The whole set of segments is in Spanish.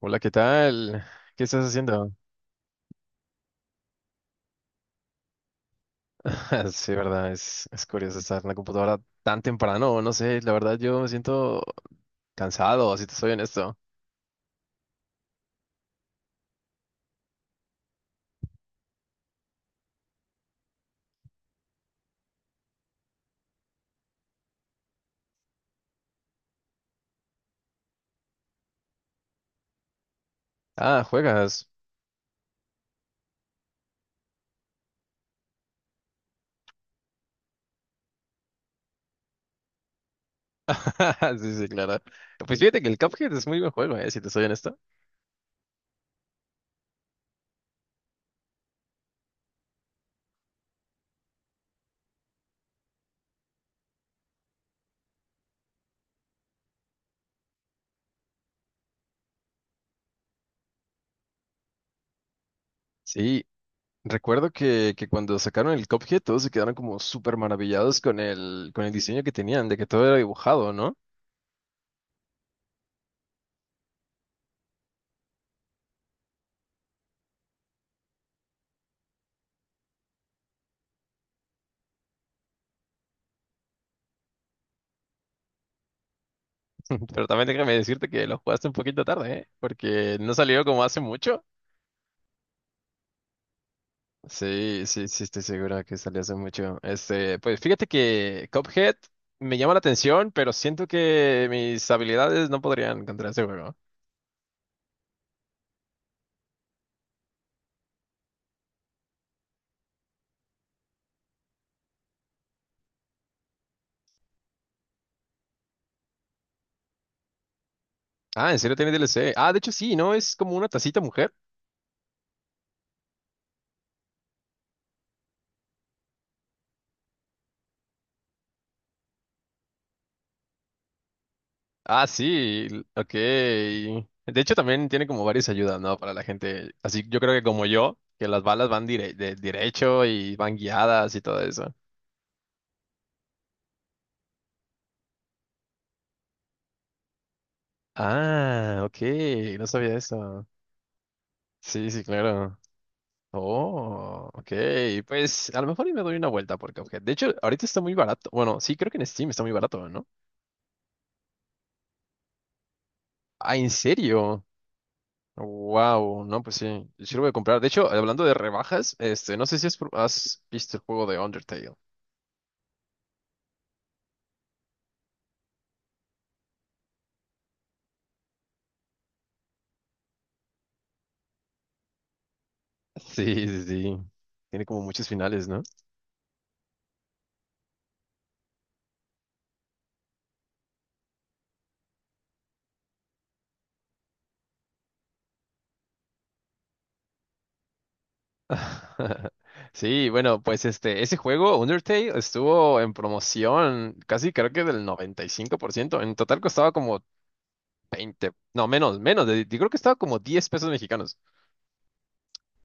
Hola, ¿qué tal? ¿Qué estás haciendo? Sí, verdad, es curioso estar en la computadora tan temprano, no sé, la verdad yo me siento cansado, si te soy honesto. Ah, ¿juegas? Sí, sí, claro. Pues fíjate que el Cuphead es muy buen juego, si te soy honesto. Sí, recuerdo que cuando sacaron el Cuphead todos se quedaron como súper maravillados con el diseño que tenían, de que todo era dibujado, ¿no? Pero también déjame decirte que lo jugaste un poquito tarde, ¿eh? Porque no salió como hace mucho. Sí, sí, sí, estoy segura que salió hace mucho. Este, pues fíjate que Cuphead me llama la atención, pero siento que mis habilidades no podrían contra ese juego. Ah, ¿en serio tiene DLC? Ah, de hecho sí, ¿no? Es como una tacita mujer. Ah, sí, ok. De hecho también tiene como varias ayudas, ¿no? Para la gente. Así yo creo que como yo, que las balas van derecho y van guiadas y todo eso. Ah, ok, no sabía eso. Sí, sí, claro. Oh, ok. Pues a lo mejor y me doy una vuelta por Cuphead. De hecho, ahorita está muy barato. Bueno, sí, creo que en Steam está muy barato, ¿no? Ah, ¿en serio? Wow, no, pues sí, sí lo voy a comprar. De hecho, hablando de rebajas, este, no sé si has visto el juego de Undertale. Sí, sí, sí. Tiene como muchos finales, ¿no? Sí, bueno, pues este, ese juego, Undertale, estuvo en promoción casi creo que del 95%. En total costaba como 20, no, menos, menos, yo creo que estaba como 10 pesos mexicanos.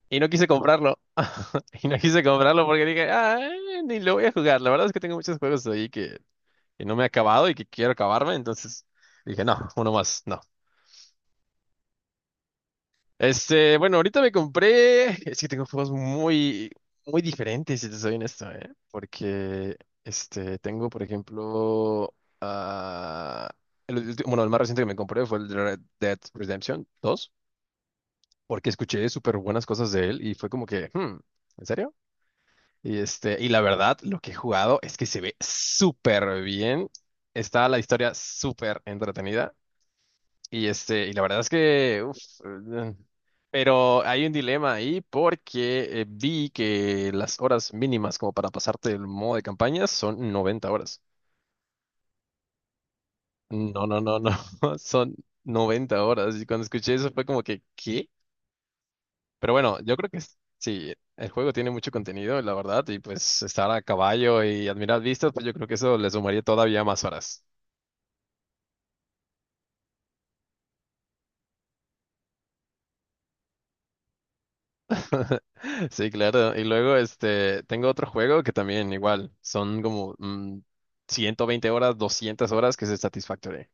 Y no quise comprarlo. Y no quise comprarlo porque dije, ah, ni lo voy a jugar. La verdad es que tengo muchos juegos ahí que no me he acabado y que quiero acabarme. Entonces dije, no, uno más, no. Este, bueno, ahorita me compré. Es que tengo juegos muy, muy diferentes, si te soy honesto, ¿eh? Porque, este, tengo, por ejemplo, ah, el, bueno, el más reciente que me compré fue el de Red Dead Redemption 2, porque escuché súper buenas cosas de él y fue como que, hmm, ¿en serio? Y este, y la verdad, lo que he jugado es que se ve súper bien. Está la historia súper entretenida. Y este, y la verdad es que, eh, pero hay un dilema ahí porque vi que las horas mínimas como para pasarte el modo de campaña son 90 horas. No, no, no, no, son 90 horas. Y cuando escuché eso fue como que, ¿qué? Pero bueno, yo creo que sí, el juego tiene mucho contenido, la verdad, y pues estar a caballo y admirar vistas, pues yo creo que eso le sumaría todavía más horas. Sí, claro. Y luego, este, tengo otro juego que también igual, son como 120 horas, 200 horas, que es el Satisfactory.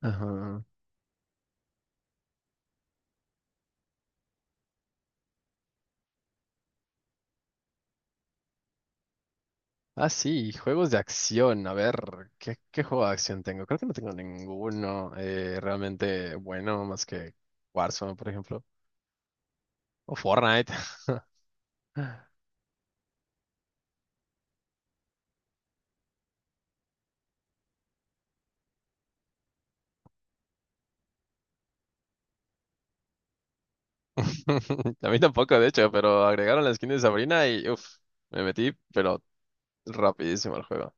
Ajá. Ah, sí, juegos de acción. A ver, ¿qué juego de acción tengo? Creo que no tengo ninguno realmente bueno, más que Warzone, por ejemplo, o Fortnite. A mí tampoco, de hecho, pero agregaron la skin de Sabrina y uff, me metí, pero rapidísimo al juego.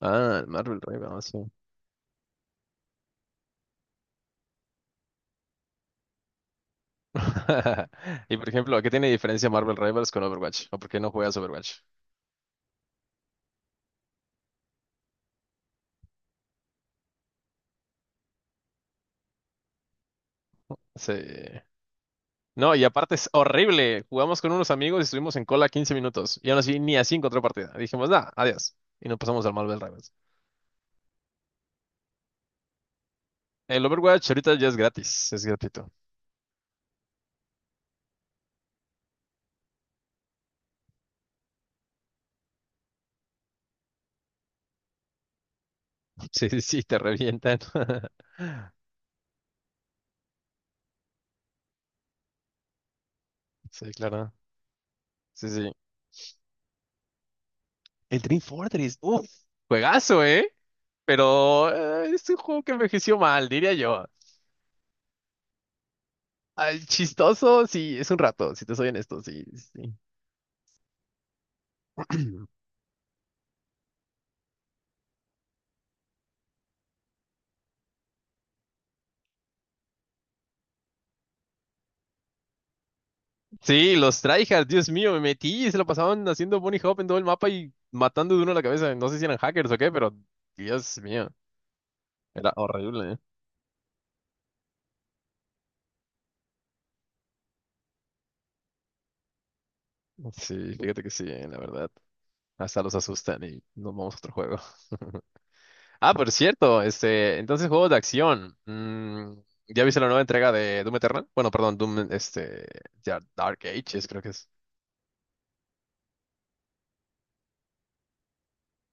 Ah, el Marvel Rivals, sí. Y por ejemplo, ¿qué tiene diferencia Marvel Rivals con Overwatch? ¿O por qué no juegas Overwatch? Sí. No, y aparte es horrible. Jugamos con unos amigos y estuvimos en cola 15 minutos. Y aún así ni así encontró partida. Dijimos, nada, adiós. Y nos pasamos al Marvel Rivals. El Overwatch ahorita ya es gratis, es gratuito. Sí, sí, sí, te revientan. Sí, claro. Sí, sí. El Team Fortress, uff, juegazo, ¿eh? Pero es un juego que envejeció mal, diría yo. Ay, chistoso, sí, es un rato, si te soy honesto, sí, sí. Sí, los tryhards, Dios mío, me metí y se lo pasaban haciendo bunny hop en todo el mapa y matando de uno a la cabeza. No sé si eran hackers o qué, pero Dios mío, era horrible, ¿eh? Sí, fíjate que sí, la verdad. Hasta los asustan y nos vamos a otro juego. Ah, por cierto, este, entonces juegos de acción. Mm, ¿ya viste la nueva entrega de Doom Eternal? Bueno, perdón, Doom, este, ya, Dark Ages, creo que es.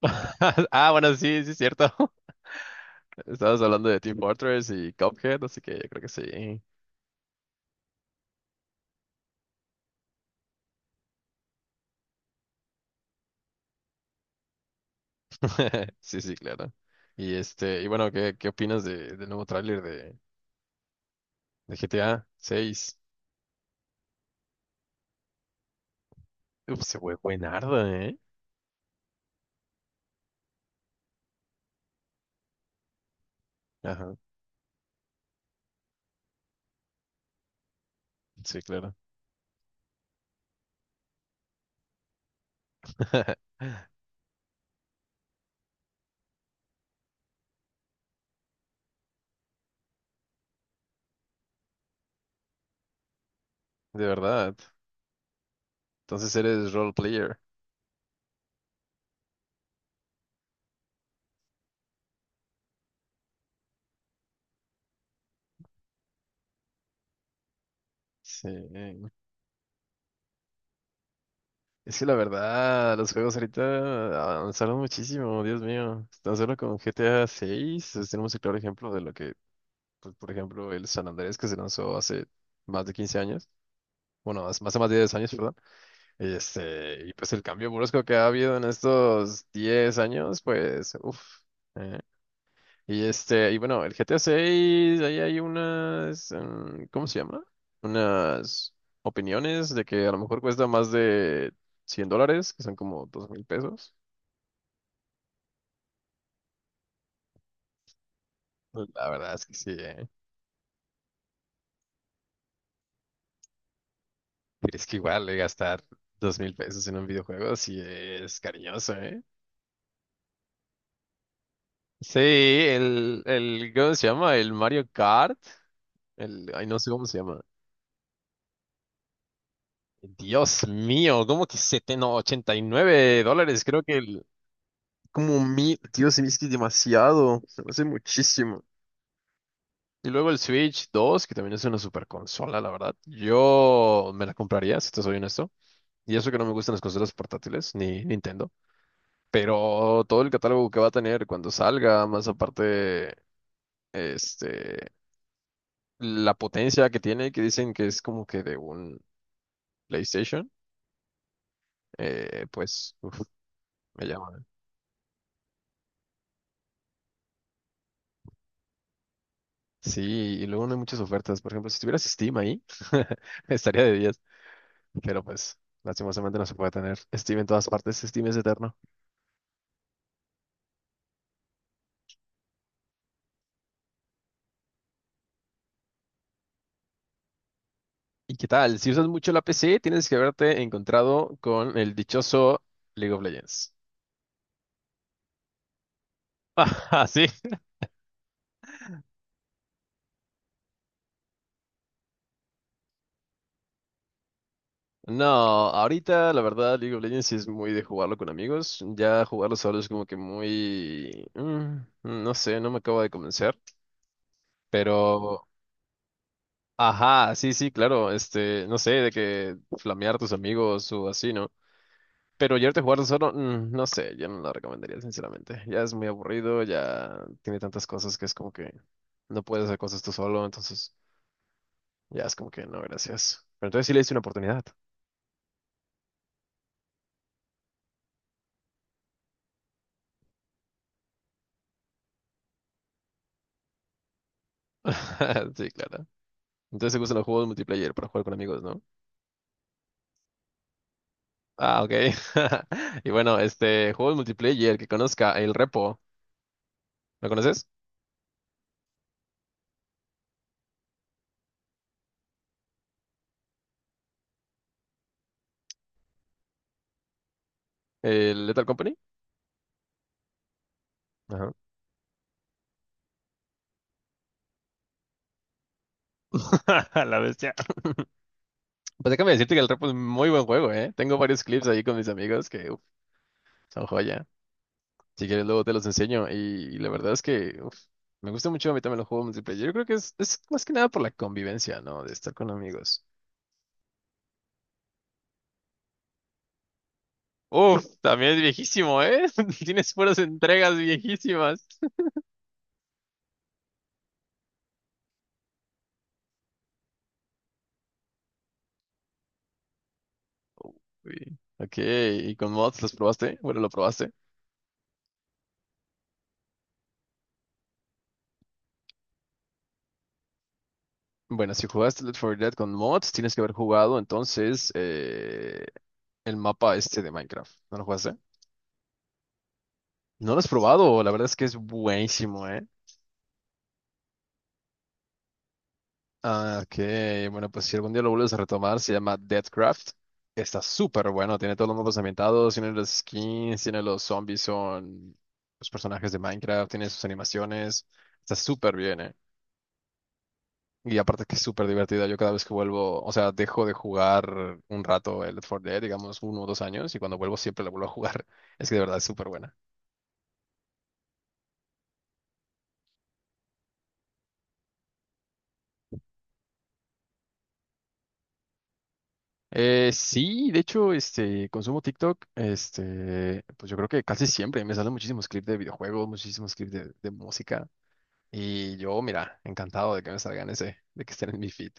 Ah, bueno, sí, sí, es cierto. Estabas hablando de Team Fortress y Cuphead, así que yo creo que sí. Sí, sí, claro. Y este, y bueno, ¿qué opinas de, del nuevo tráiler de GTA seis? Uf, se fue buenardo, ¿eh? Ajá, sí, claro. De verdad. Entonces eres role player. Sí. Es que la verdad, los juegos ahorita avanzaron muchísimo, Dios mío. Tan solo con GTA 6 tenemos el claro ejemplo de lo que, pues, por ejemplo, el San Andrés que se lanzó hace más de 15 años, bueno, más, más de 10 años, perdón. Este, y pues el cambio brusco que ha habido en estos 10 años, pues, uff. Y este, y bueno, el GTA 6, ahí hay unas, ¿cómo se llama? Unas opiniones de que a lo mejor cuesta más de $100, que son como 2000 pesos. Pues, la verdad es que sí, ¿eh? Pero es que igual gastar 2000 pesos en un videojuego sí es cariñoso, ¿eh? Sí, ¿cómo se llama? El Mario Kart. El, ay, no sé cómo se llama. Dios mío, ¿cómo que 70, no, $89? Creo que el, como mil, tío, se me hace demasiado, se me hace muchísimo. Y luego el Switch 2, que también es una super consola, la verdad. Yo me la compraría, si te soy honesto. Y eso que no me gustan las consolas portátiles, ni Nintendo. Pero todo el catálogo que va a tener cuando salga, más aparte, este, la potencia que tiene, que dicen que es como que de un PlayStation, pues, uf, me llama. Sí, y luego no hay muchas ofertas. Por ejemplo, si tuvieras Steam ahí, estaría de diez. Pero pues, lastimosamente no se puede tener Steam en todas partes, Steam es eterno. ¿Y qué tal? Si usas mucho la PC, tienes que haberte encontrado con el dichoso League of Legends. Ah, sí. No, ahorita la verdad League of Legends sí es muy de jugarlo con amigos. Ya jugarlo solo es como que muy... mm, no sé, no me acabo de convencer. Pero... Ajá, sí, sí, claro. Este, no sé, de que flamear a tus amigos o así, ¿no? Pero llevarte a jugarlo solo, mm, no sé, yo no lo recomendaría, sinceramente. Ya es muy aburrido, ya tiene tantas cosas que es como que no puedes hacer cosas tú solo, entonces ya es como que no, gracias. Pero entonces sí le hice una oportunidad. Sí, claro. Entonces te gustan los juegos multiplayer para jugar con amigos, ¿no? Ah, ok. Y bueno, este, juegos multiplayer que conozca, el Repo, ¿lo conoces? El Lethal Company. Ajá. La bestia. Pues déjame decirte que el Repo es muy buen juego, ¿eh? Tengo varios clips ahí con mis amigos que uf, son joya. Si quieres, luego te los enseño. Y, la verdad es que uf, me gusta mucho a mí también los juegos multiplayer. Yo creo que es más que nada por la convivencia, ¿no? De estar con amigos. Uf, también es viejísimo, ¿eh? Tienes puras entregas viejísimas. Uy. Ok, ¿y con mods los probaste? Bueno, lo probaste. Bueno, si jugaste Left 4 Dead con mods, tienes que haber jugado entonces el mapa este de Minecraft. ¿No lo jugaste? No lo has probado, la verdad es que es buenísimo, ¿eh? Ah, ok. Bueno, pues si algún día lo vuelves a retomar, se llama Deathcraft. Está súper bueno, tiene todos los mapas ambientados, tiene los skins, tiene los zombies, son los personajes de Minecraft, tiene sus animaciones. Está súper bien, eh. Y aparte que es súper divertida. Yo cada vez que vuelvo, o sea, dejo de jugar un rato el Left 4 Dead, digamos uno o dos años, y cuando vuelvo siempre lo vuelvo a jugar. Es que de verdad es súper buena. Sí, de hecho, este, consumo TikTok, este, pues yo creo que casi siempre me salen muchísimos clips de videojuegos, muchísimos clips de música, y yo, mira, encantado de que me salgan ese, de que estén en mi feed.